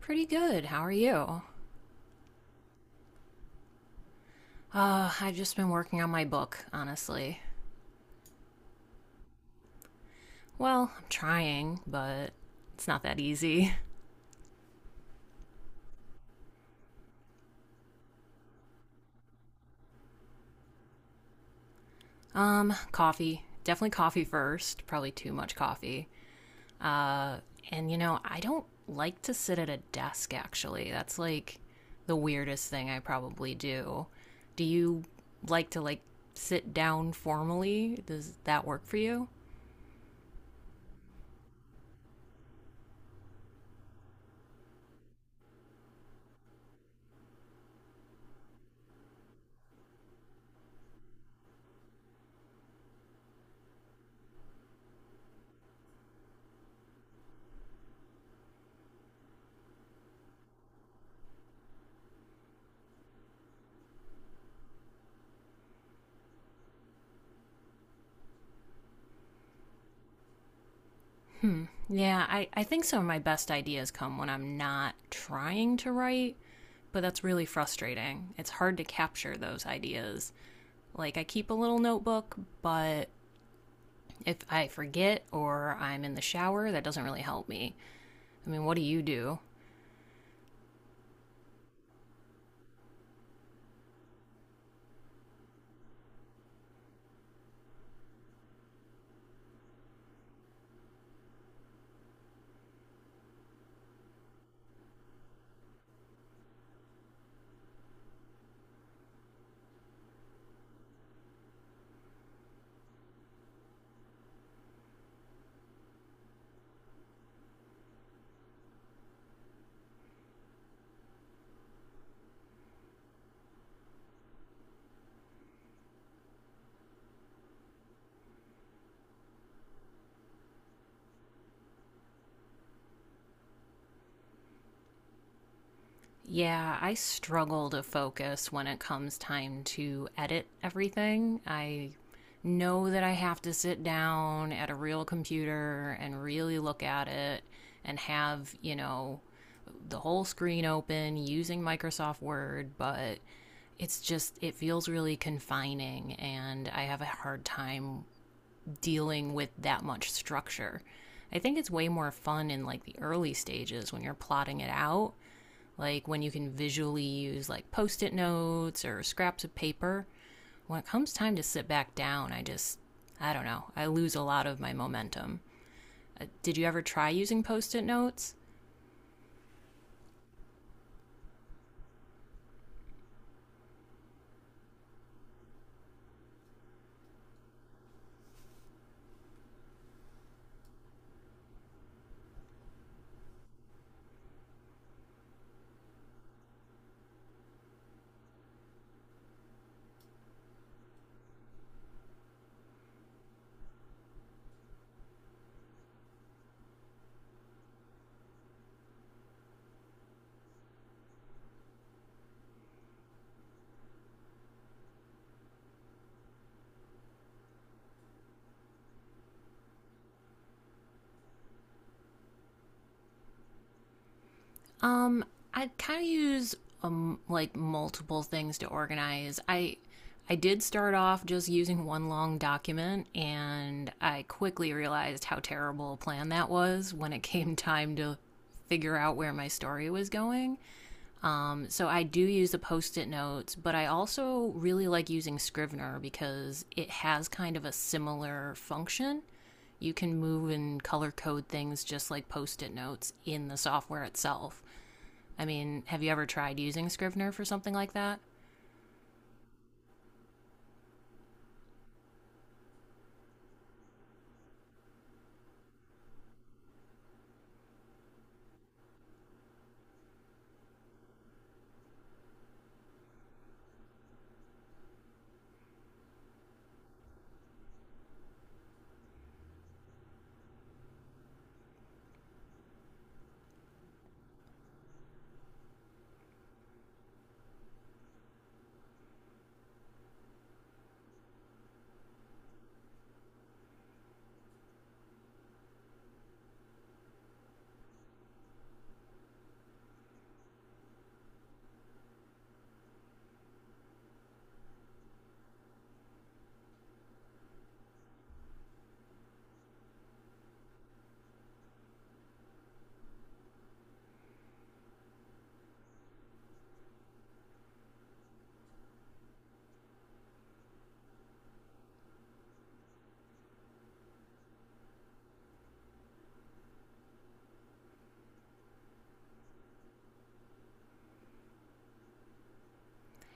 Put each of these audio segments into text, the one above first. Pretty good. How are you? I've just been working on my book, honestly. Well, I'm trying, but it's not that easy. Coffee. Definitely coffee first. Probably too much coffee. Uh, I don't like to sit at a desk, actually. That's like the weirdest thing I probably do. Do you like to, sit down formally? Does that work for you? Yeah, I think some of my best ideas come when I'm not trying to write, but that's really frustrating. It's hard to capture those ideas. Like, I keep a little notebook, but if I forget or I'm in the shower, that doesn't really help me. I mean, what do you do? Yeah, I struggle to focus when it comes time to edit everything. I know that I have to sit down at a real computer and really look at it and have, you know, the whole screen open using Microsoft Word, but it's just, it feels really confining, and I have a hard time dealing with that much structure. I think it's way more fun in like the early stages when you're plotting it out, like when you can visually use like post it notes or scraps of paper. When it comes time to sit back down, I just, I don't know, I lose a lot of my momentum. Did you ever try using post it notes? Um, I kind of use like multiple things to organize. I did start off just using one long document, and I quickly realized how terrible a plan that was when it came time to figure out where my story was going. So I do use the post it notes, but I also really like using Scrivener because it has kind of a similar function. You can move and color code things just like post it notes in the software itself. I mean, have you ever tried using Scrivener for something like that?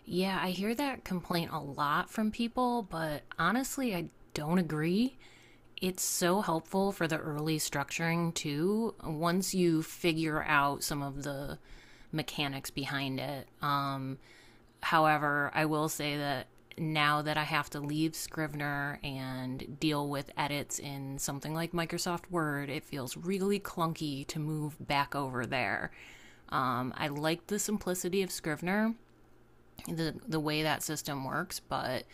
Yeah, I hear that complaint a lot from people, but honestly, I don't agree. It's so helpful for the early structuring, too, once you figure out some of the mechanics behind it. However, I will say that now that I have to leave Scrivener and deal with edits in something like Microsoft Word, it feels really clunky to move back over there. I like the simplicity of Scrivener, the way that system works, but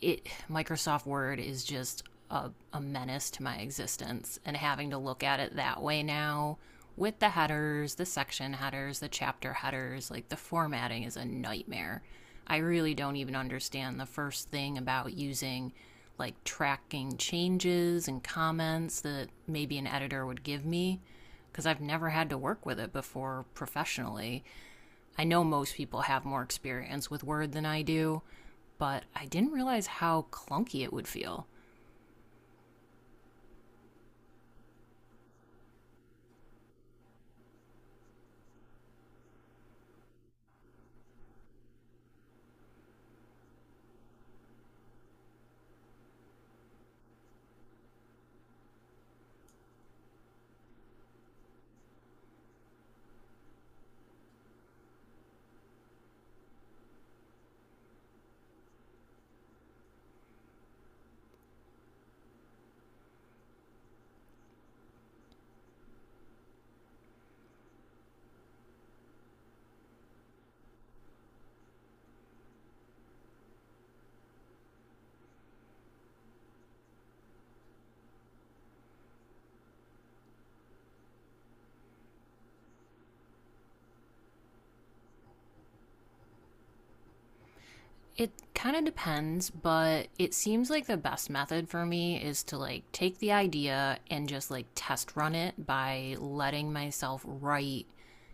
it Microsoft Word is just a menace to my existence, and having to look at it that way now with the headers, the section headers, the chapter headers, like the formatting is a nightmare. I really don't even understand the first thing about using like tracking changes and comments that maybe an editor would give me because I've never had to work with it before professionally. I know most people have more experience with Word than I do, but I didn't realize how clunky it would feel. It kind of depends, but it seems like the best method for me is to like take the idea and just like test run it by letting myself write,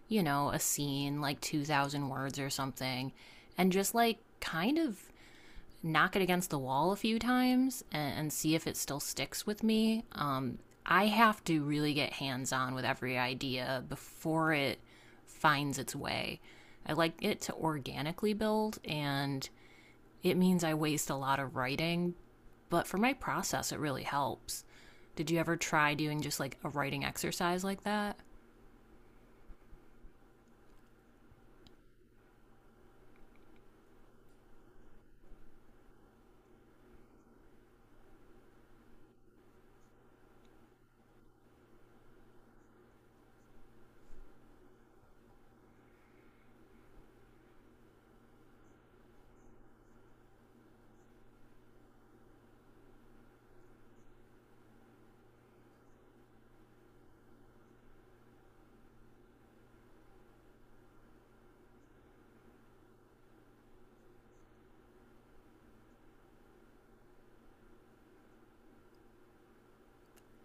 you know, a scene like 2,000 words or something, and just like kind of knock it against the wall a few times and see if it still sticks with me. I have to really get hands on with every idea before it finds its way. I like it to organically build, and it means I waste a lot of writing, but for my process, it really helps. Did you ever try doing just like a writing exercise like that?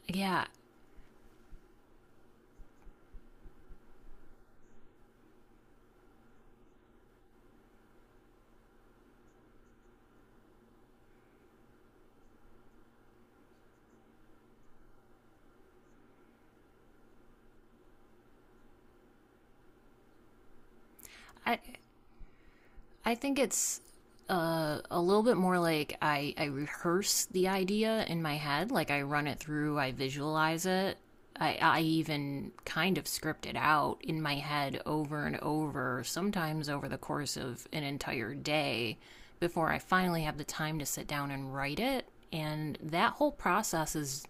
Yeah, I, I think it's a little bit more like I rehearse the idea in my head. Like I run it through, I visualize it. I even kind of script it out in my head over and over, sometimes over the course of an entire day before I finally have the time to sit down and write it. And that whole process is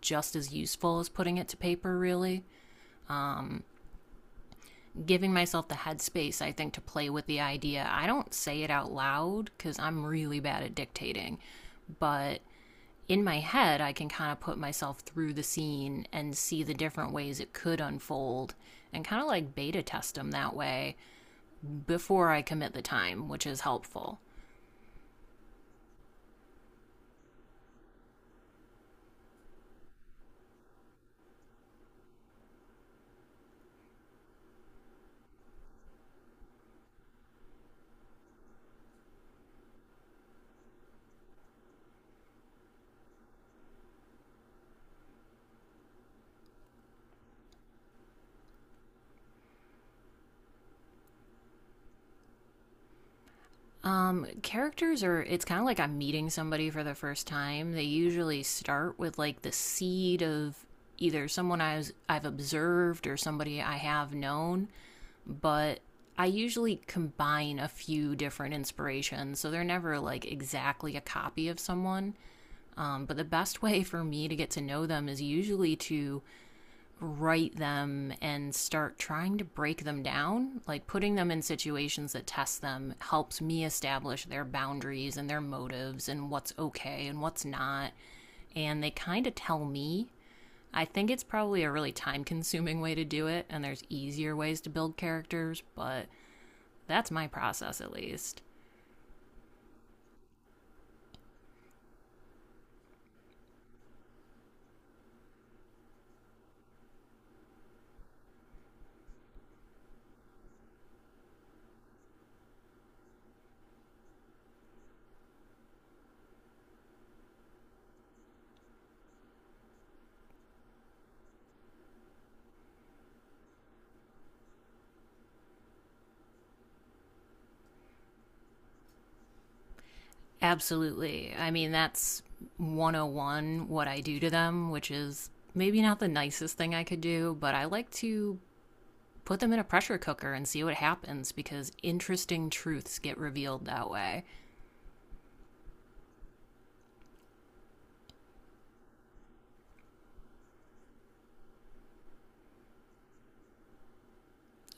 just as useful as putting it to paper, really giving myself the headspace, I think, to play with the idea. I don't say it out loud because I'm really bad at dictating, but in my head, I can kind of put myself through the scene and see the different ways it could unfold and kind of like beta test them that way before I commit the time, which is helpful. Characters are, it's kind of like I'm meeting somebody for the first time. They usually start with like the seed of either someone I've observed or somebody I have known but I usually combine a few different inspirations, so they're never like exactly a copy of someone. But the best way for me to get to know them is usually to write them and start trying to break them down. Like putting them in situations that test them helps me establish their boundaries and their motives and what's okay and what's not. And they kind of tell me I think it's probably a really time consuming way to do it, and there's easier ways to build characters, but that's my process, at least. Absolutely. I mean, that's 101 what I do to them, which is maybe not the nicest thing I could do, but I like to put them in a pressure cooker and see what happens because interesting truths get revealed that way.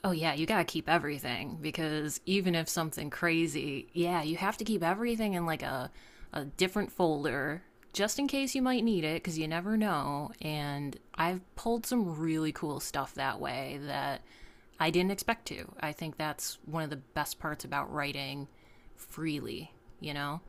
Oh, yeah, you gotta keep everything because even if something crazy, yeah, you have to keep everything in like a different folder just in case you might need it because you never know. And I've pulled some really cool stuff that way that I didn't expect to. I think that's one of the best parts about writing freely, you know?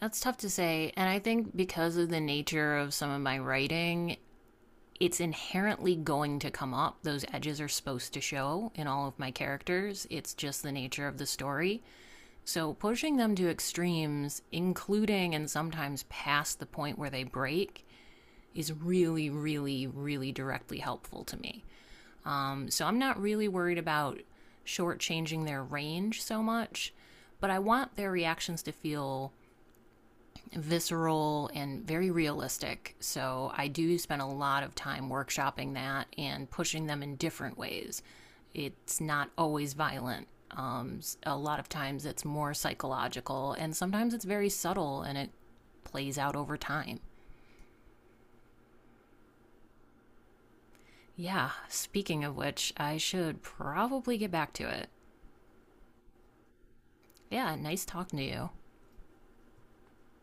That's tough to say. And I think because of the nature of some of my writing it's inherently going to come up. Those edges are supposed to show in all of my characters. It's just the nature of the story. So pushing them to extremes, including and sometimes past the point where they break, is really, really, really directly helpful to me. So I'm not really worried about shortchanging their range so much, but I want their reactions to feel visceral and very realistic. So I do spend a lot of time workshopping that and pushing them in different ways. It's not always violent. A lot of times it's more psychological, and sometimes it's very subtle and it plays out over time. Yeah, speaking of which, I should probably get back to it. Yeah, nice talking to you.